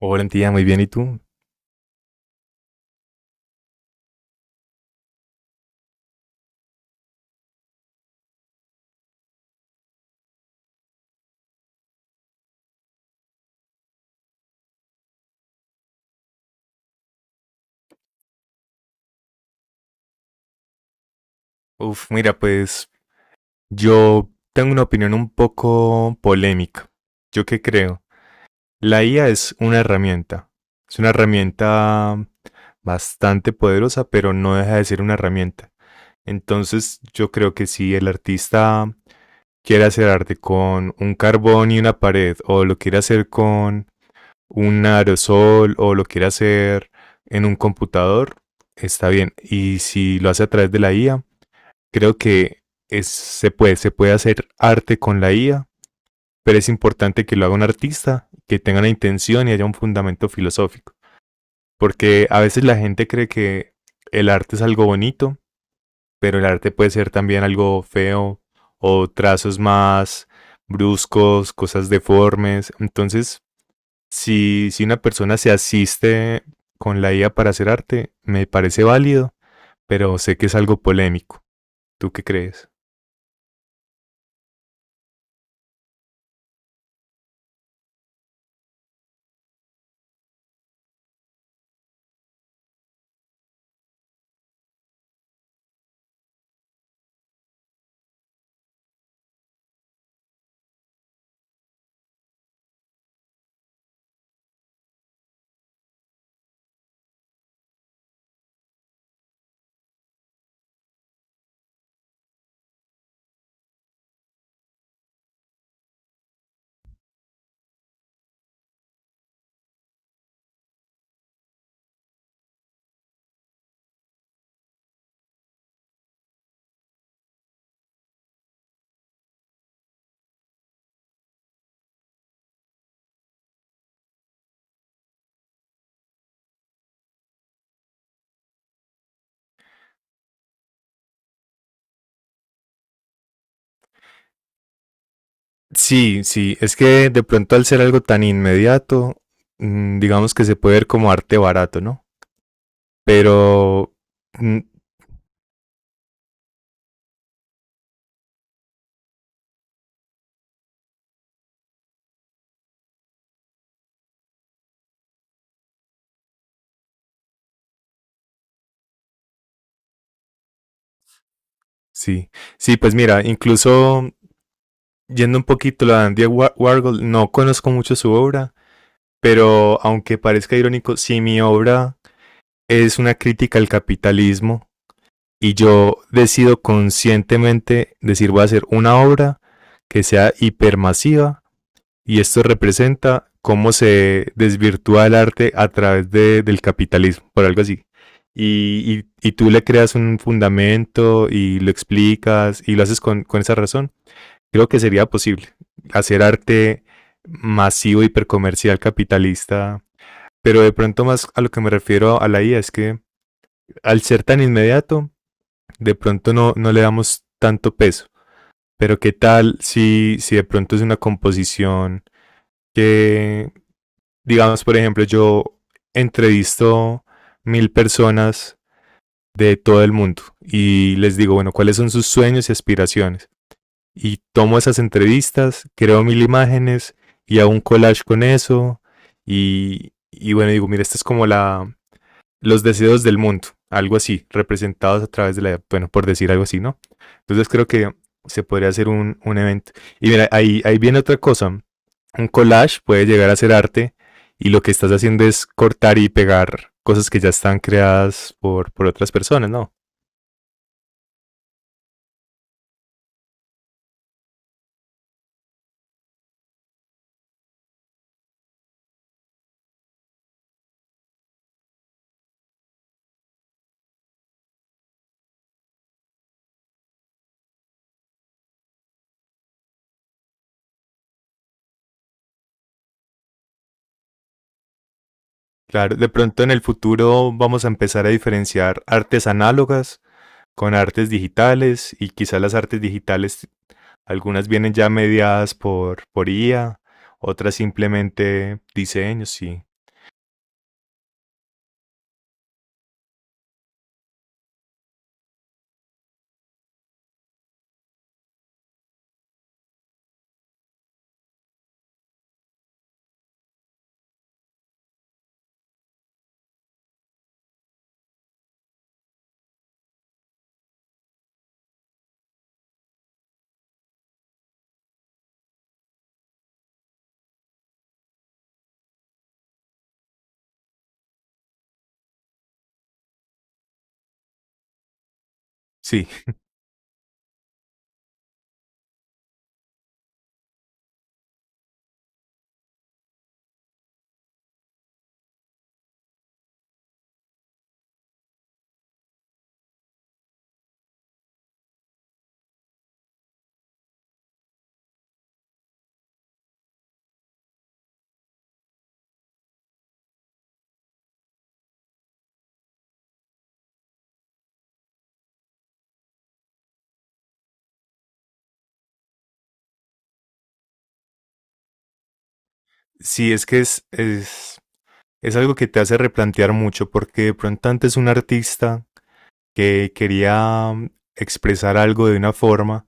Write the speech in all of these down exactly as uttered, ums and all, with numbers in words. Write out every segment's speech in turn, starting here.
Hola, tía, muy bien. ¿Y tú? Uf, mira, pues yo tengo una opinión un poco polémica. ¿Yo qué creo? La I A es una herramienta. Es una herramienta bastante poderosa, pero no deja de ser una herramienta. Entonces, yo creo que si el artista quiere hacer arte con un carbón y una pared, o lo quiere hacer con un aerosol, o lo quiere hacer en un computador, está bien. Y si lo hace a través de la I A, creo que es, se, puede, se puede hacer arte con la I A, pero es importante que lo haga un artista, que tenga una intención y haya un fundamento filosófico. Porque a veces la gente cree que el arte es algo bonito, pero el arte puede ser también algo feo o trazos más bruscos, cosas deformes. Entonces, si, si una persona se asiste con la I A para hacer arte, me parece válido, pero sé que es algo polémico. ¿Tú qué crees? Sí, sí, es que de pronto al ser algo tan inmediato, mm, digamos que se puede ver como arte barato, ¿no? Pero mm, sí, sí, pues mira, incluso yendo un poquito a Andy Wa- Warhol, no conozco mucho su obra, pero aunque parezca irónico, si mi obra es una crítica al capitalismo y yo decido conscientemente decir voy a hacer una obra que sea hipermasiva, y esto representa cómo se desvirtúa el arte a través de- del capitalismo, por algo así. Y, y- y tú le creas un fundamento y lo explicas y lo haces con, con esa razón. Creo que sería posible hacer arte masivo, hipercomercial, capitalista, pero de pronto más a lo que me refiero a la I A es que al ser tan inmediato, de pronto no, no le damos tanto peso. Pero qué tal si, si de pronto es una composición que digamos, por ejemplo, yo entrevisto mil personas de todo el mundo y les digo, bueno, ¿cuáles son sus sueños y aspiraciones? Y tomo esas entrevistas, creo mil imágenes y hago un collage con eso y, y bueno, digo, mira, esta es como la, los deseos del mundo, algo así, representados a través de la, bueno, por decir algo así, ¿no? Entonces creo que se podría hacer un, un evento. Y mira, ahí, ahí viene otra cosa, un collage puede llegar a ser arte y lo que estás haciendo es cortar y pegar cosas que ya están creadas por, por otras personas, ¿no? Claro, de pronto en el futuro vamos a empezar a diferenciar artes análogas con artes digitales y quizás las artes digitales algunas vienen ya mediadas por, por I A, otras simplemente diseños, sí. Sí, sí, es que es, es, es algo que te hace replantear mucho porque de pronto antes un artista que quería mm, expresar algo de una forma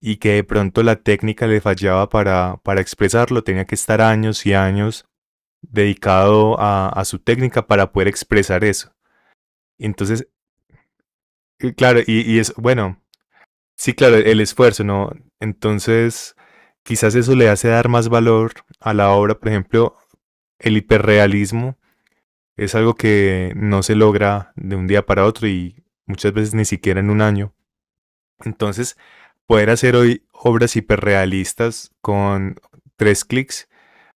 y que de pronto la técnica le fallaba para, para expresarlo, tenía que estar años y años dedicado a, a su técnica para poder expresar eso. Entonces, eh, claro, y, y es bueno, sí, claro, el esfuerzo, ¿no? Entonces, quizás eso le hace dar más valor a la obra. Por ejemplo, el hiperrealismo es algo que no se logra de un día para otro y muchas veces ni siquiera en un año. Entonces, poder hacer hoy obras hiperrealistas con tres clics,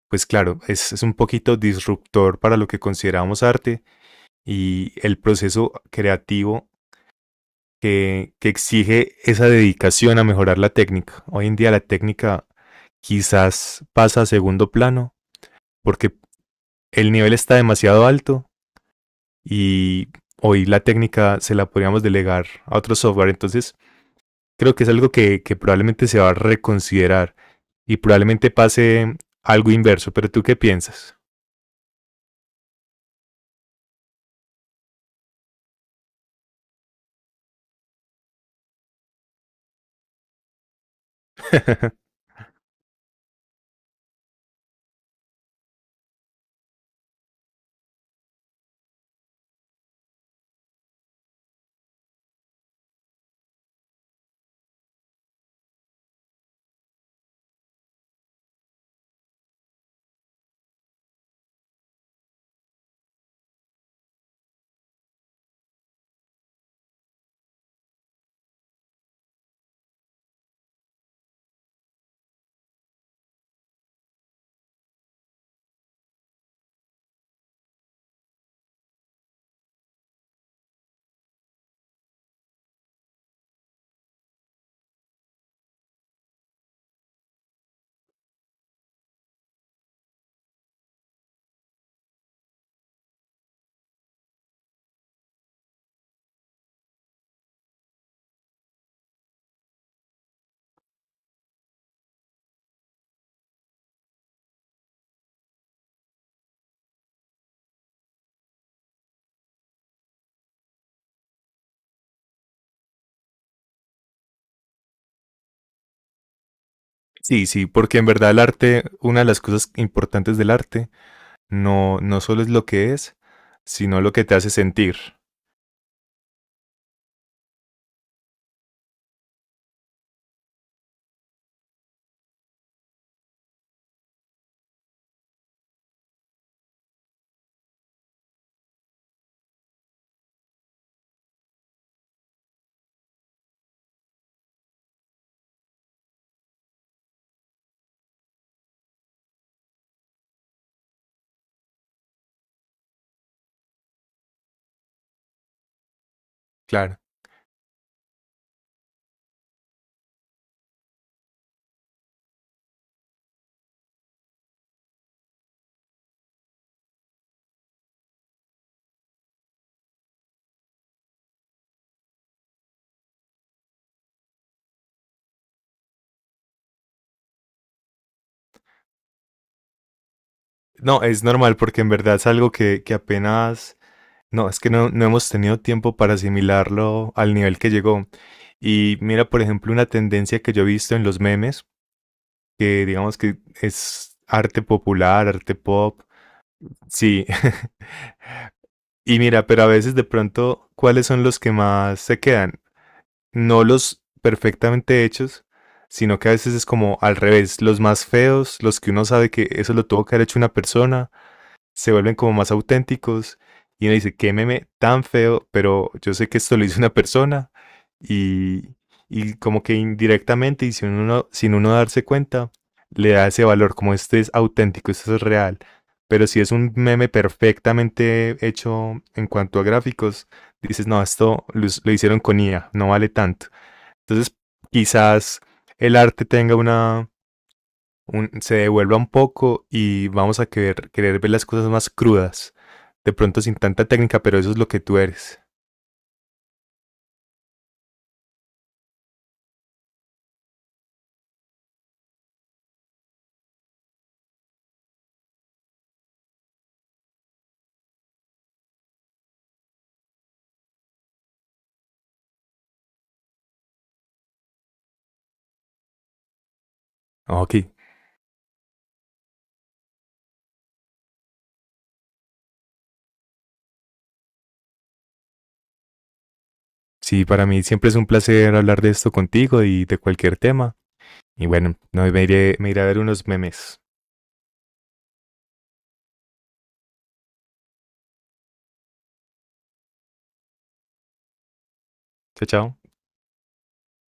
pues claro, es, es un poquito disruptor para lo que consideramos arte y el proceso creativo que, que exige esa dedicación a mejorar la técnica. Hoy en día la técnica quizás pasa a segundo plano porque el nivel está demasiado alto y hoy la técnica se la podríamos delegar a otro software. Entonces creo que es algo que, que probablemente se va a reconsiderar y probablemente pase algo inverso. ¿Pero tú qué piensas? Sí, sí, porque en verdad el arte, una de las cosas importantes del arte, no, no solo es lo que es, sino lo que te hace sentir. Claro. No, es normal porque en verdad es algo que, que apenas. No, es que no, no hemos tenido tiempo para asimilarlo al nivel que llegó. Y mira, por ejemplo, una tendencia que yo he visto en los memes, que digamos que es arte popular, arte pop. Sí, y mira, pero a veces de pronto, ¿cuáles son los que más se quedan? No los perfectamente hechos, sino que a veces es como al revés, los más feos, los que uno sabe que eso lo tuvo que haber hecho una persona se vuelven como más auténticos y uno dice, qué meme tan feo, pero yo sé que esto lo hizo una persona y, y como que indirectamente y sin uno, sin uno darse cuenta, le da ese valor, como este es auténtico, esto es real. Pero si es un meme perfectamente hecho en cuanto a gráficos, dices, no, esto lo, lo hicieron con I A, no vale tanto. Entonces, quizás el arte tenga una, un- se devuelva un poco y vamos a querer, querer ver las cosas más crudas, de pronto sin tanta técnica, pero eso es lo que tú eres. Ah, Ok, sí, para mí siempre es un placer hablar de esto contigo y de cualquier tema. Y bueno, no, me iré, me iré a ver unos memes. Chao, chao.